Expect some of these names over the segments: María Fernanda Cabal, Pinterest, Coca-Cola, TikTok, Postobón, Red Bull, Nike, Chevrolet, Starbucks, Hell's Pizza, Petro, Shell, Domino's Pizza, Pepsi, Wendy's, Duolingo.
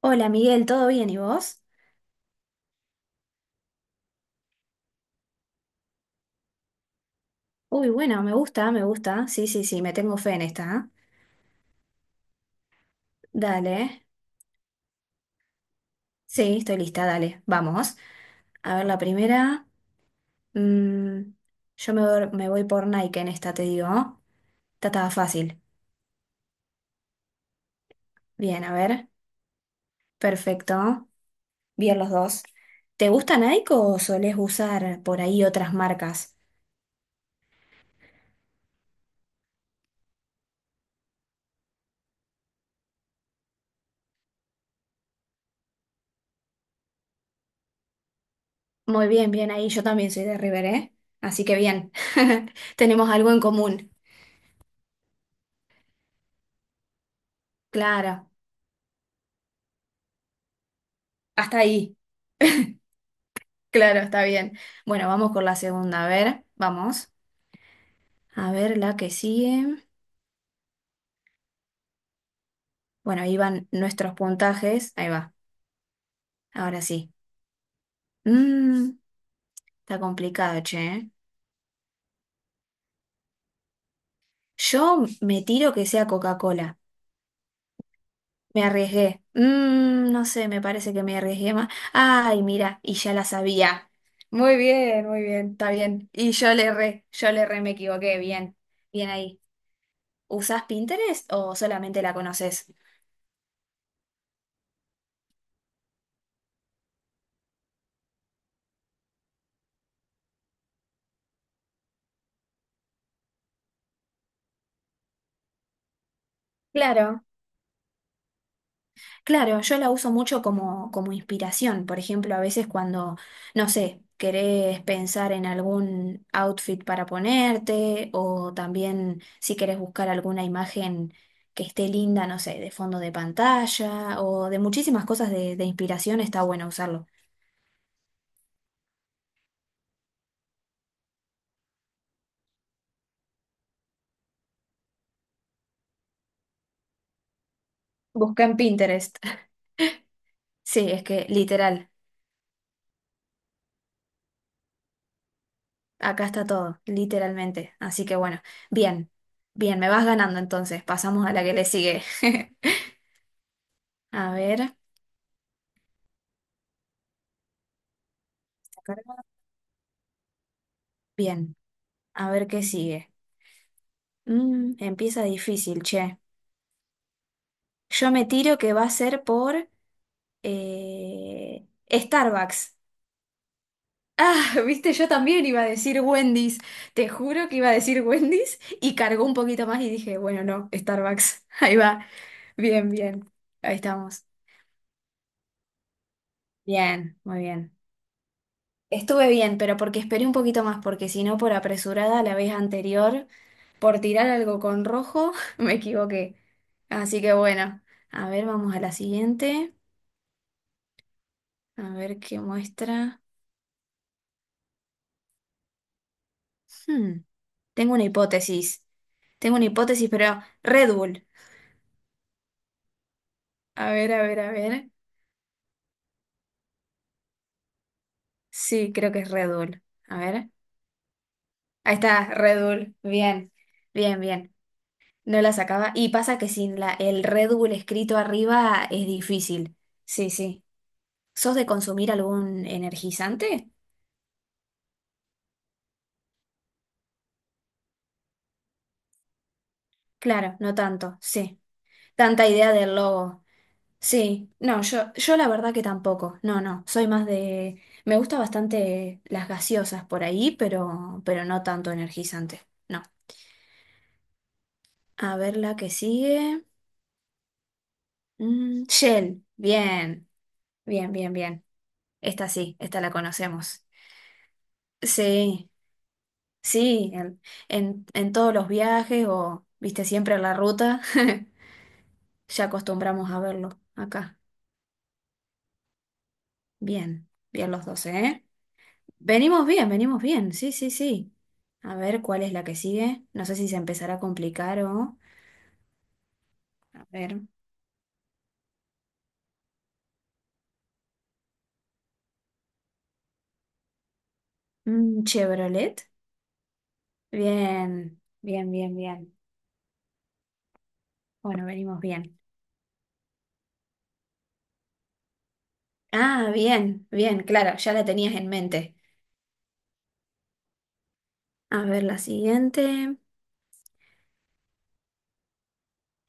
Hola Miguel, ¿todo bien y vos? Uy, bueno, me gusta, me gusta. Sí, sí, sí, me tengo fe en esta. ¿Eh? Dale. Sí, estoy lista, dale. Vamos. A ver, la primera. mm, Me voy por Nike en esta, te digo. Esta estaba fácil. Bien, a ver. Perfecto. Bien los dos. ¿Te gusta Nike o solés usar por ahí otras marcas? Muy bien, bien ahí. Yo también soy de River, ¿eh? Así que bien. Tenemos algo en común. Claro. Hasta ahí. Claro, está bien. Bueno, vamos con la segunda. A ver, vamos. A ver la que sigue. Bueno, ahí van nuestros puntajes. Ahí va. Ahora sí. Mm, Está complicado, che. ¿Eh? Yo me tiro que sea Coca-Cola. Me arriesgué. No sé, me parece que me arriesgué más. Ay, mira, y ya la sabía. Muy bien, está bien. Y yo le erré, me equivoqué. Bien, bien ahí. ¿Usás Pinterest o solamente la conoces? Claro. Claro, yo la uso mucho como, inspiración. Por ejemplo, a veces cuando, no sé, querés pensar en algún outfit para ponerte o también si querés buscar alguna imagen que esté linda, no sé, de fondo de pantalla o de muchísimas cosas de inspiración, está bueno usarlo. Busca en Pinterest. Sí, es que literal, acá está todo, literalmente. Así que bueno, bien, bien, me vas ganando entonces. Pasamos a la que le sigue. A ver, bien. A ver qué sigue. Empieza difícil, che. Yo me tiro que va a ser por Starbucks. Ah, viste, yo también iba a decir Wendy's. Te juro que iba a decir Wendy's y cargó un poquito más y dije, bueno, no, Starbucks. Ahí va. Bien, bien. Ahí estamos. Bien, muy bien. Estuve bien, pero porque esperé un poquito más, porque si no, por apresurada la vez anterior, por tirar algo con rojo, me equivoqué. Así que bueno, a ver, vamos a la siguiente. A ver qué muestra. Hmm, Tengo una hipótesis. Tengo una hipótesis, pero Red Bull. A ver, a ver, a ver. Sí, creo que es Red Bull. A ver. Ahí está, Red Bull. Bien, bien, bien. No la sacaba. Y pasa que sin el Red Bull escrito arriba es difícil. Sí, sí. ¿Sos de consumir algún energizante? Claro, no tanto, sí. Tanta idea del logo. Sí, no, yo la verdad que tampoco. No, no, soy más de. Me gusta bastante las gaseosas por ahí, pero no tanto energizante. No. A ver la que sigue. Shell, bien, bien, bien, bien. Esta sí, esta la conocemos. Sí, sí, en todos los viajes o, viste, siempre en la ruta, ya acostumbramos a verlo acá. Bien, bien los 12, ¿eh? Venimos bien, sí, sí, sí. A ver cuál es la que sigue. No sé si se empezará a complicar o. A ver. Chevrolet. Bien, bien, bien, bien. Bueno, venimos bien. Ah, bien, bien, claro, ya la tenías en mente. A ver, la siguiente.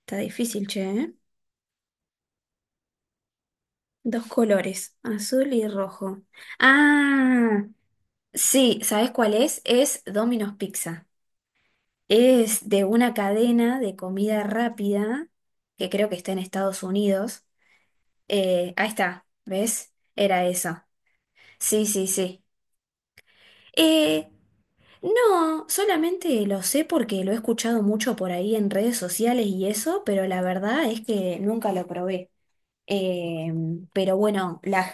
Está difícil, che, ¿eh? Dos colores, azul y rojo. Ah, sí, ¿sabes cuál es? Es Domino's Pizza. Es de una cadena de comida rápida que creo que está en Estados Unidos. Ahí está, ¿ves? Era eso. Sí, sí, sí. Eh, no, solamente lo sé porque lo he escuchado mucho por ahí en redes sociales y eso, pero la verdad es que nunca lo probé. Eh, pero bueno, la,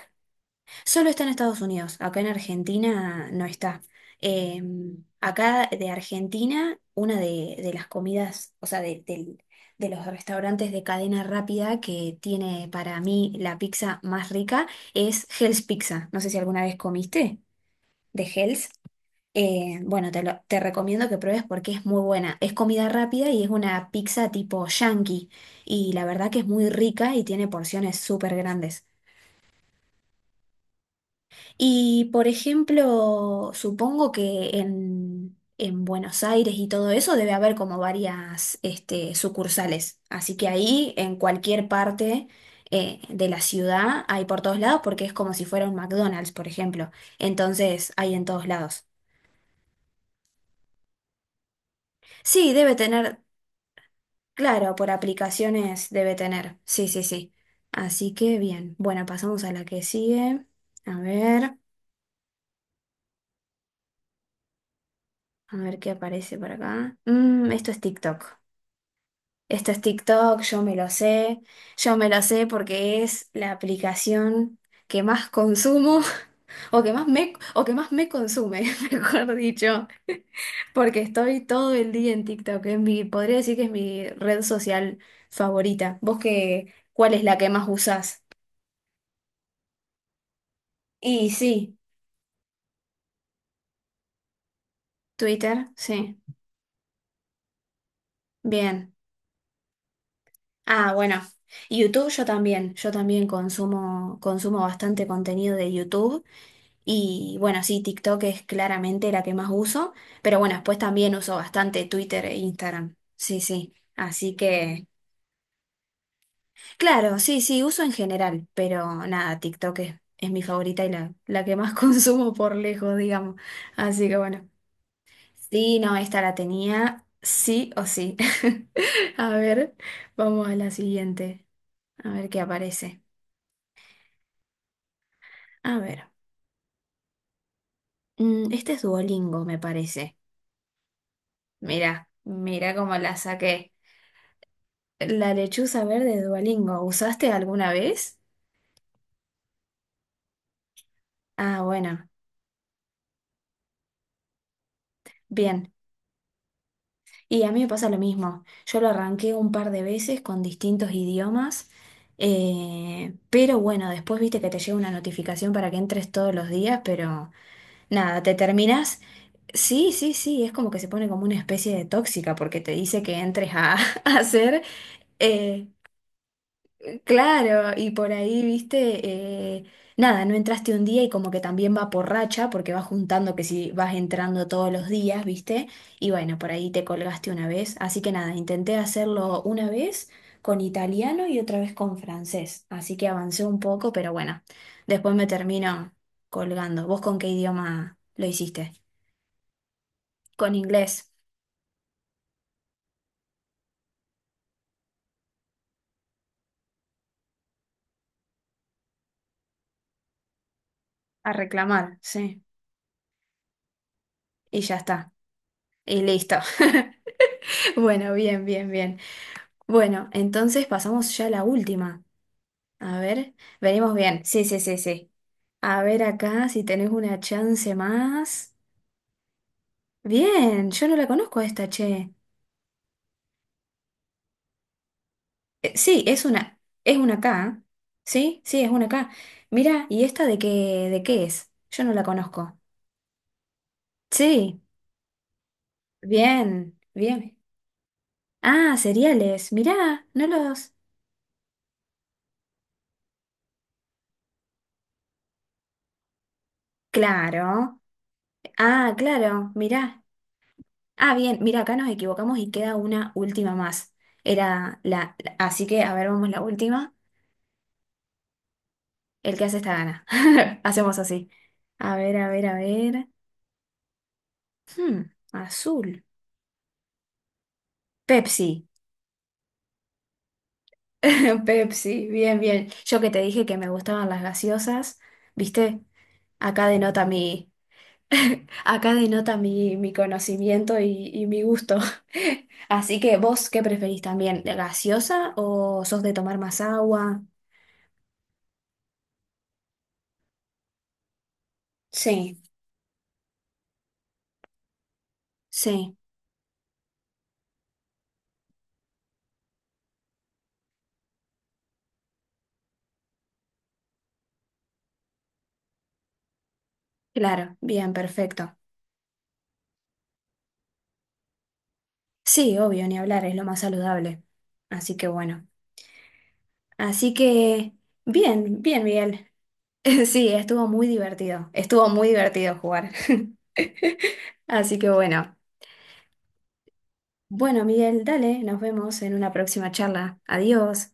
Solo está en Estados Unidos, acá en Argentina no está. Eh, Acá de Argentina, una de las comidas, o sea, de los restaurantes de cadena rápida que tiene para mí la pizza más rica es Hell's Pizza. No sé si alguna vez comiste de Hell's. Bueno, te recomiendo que pruebes porque es muy buena. Es comida rápida y es una pizza tipo yankee. Y la verdad que es muy rica y tiene porciones súper grandes. Y por ejemplo, supongo que en Buenos Aires y todo eso debe haber como varias sucursales. Así que ahí, en cualquier parte de la ciudad, hay por todos lados porque es como si fuera un McDonald's, por ejemplo. Entonces, hay en todos lados. Sí, debe tener, claro, por aplicaciones debe tener. Sí, sí, sí. Así que bien. Bueno, pasamos a la que sigue. A ver, a ver qué aparece por acá. Esto es TikTok. Esto es TikTok, yo me lo sé, yo me lo sé porque es la aplicación que más consumo o que más me, consume, mejor dicho, porque estoy todo el día en TikTok, podría decir que es mi red social favorita. ¿Vos cuál es la que más usás? Y sí, Twitter, sí, bien. Ah, bueno, YouTube yo también consumo bastante contenido de YouTube. Y bueno, sí, TikTok es claramente la que más uso, pero bueno, después también uso bastante Twitter e Instagram. Sí, sí. Así que, claro, sí, sí, uso en general, pero nada, TikTok es mi favorita y la que más consumo por lejos, digamos. Así que bueno, sí, no, esta la tenía, sí o sí. A ver, vamos a la siguiente, a ver qué aparece. A ver, este es Duolingo, me parece. Mira, mira cómo la saqué. La lechuza verde de Duolingo, ¿usaste alguna vez? Ah, bueno, bien. Y a mí me pasa lo mismo. Yo lo arranqué un par de veces con distintos idiomas, pero bueno, después viste que te llega una notificación para que entres todos los días, pero nada, te terminas. Sí, sí, sí, es como que se pone como una especie de tóxica porque te dice que entres a, a hacer. eh, Claro, y por ahí, viste, eh, nada, no entraste un día y como que también va por racha, porque vas juntando que si vas entrando todos los días, viste, y bueno, por ahí te colgaste una vez. Así que nada, intenté hacerlo una vez con italiano y otra vez con francés. Así que avancé un poco, pero bueno, después me termino colgando. ¿Vos con qué idioma lo hiciste? Con inglés, a reclamar, sí, y ya está, y listo. Bueno, bien, bien, bien. Bueno, entonces pasamos ya a la última. A ver, venimos bien. Sí, sí, sí, sí. A ver acá si tenés una chance más. Bien, yo no la conozco a esta, che. Sí, es una acá. ¿Eh? Sí, sí, es una acá. Mira, ¿y esta de qué, es? Yo no la conozco. Sí, bien, bien. Ah, cereales. Mirá, no los. Claro. Ah, claro, mirá. Ah, bien, mira, acá nos equivocamos y queda una última más. Era así que, a ver, vamos la última. El que hace esta gana. Hacemos así. A ver, a ver, a ver. Azul. Pepsi. Pepsi, bien, bien. Yo que te dije que me gustaban las gaseosas, ¿viste? Acá denota mi, Acá denota mi conocimiento y mi gusto. Así que, ¿vos qué preferís también? ¿Gaseosa o sos de tomar más agua? Sí, sí. Claro, bien, perfecto. Sí, obvio, ni hablar, es lo más saludable. Así que bueno. Así que, bien, bien, Miguel. Sí, estuvo muy divertido. Estuvo muy divertido jugar. Así que bueno. Bueno, Miguel, dale, nos vemos en una próxima charla. Adiós.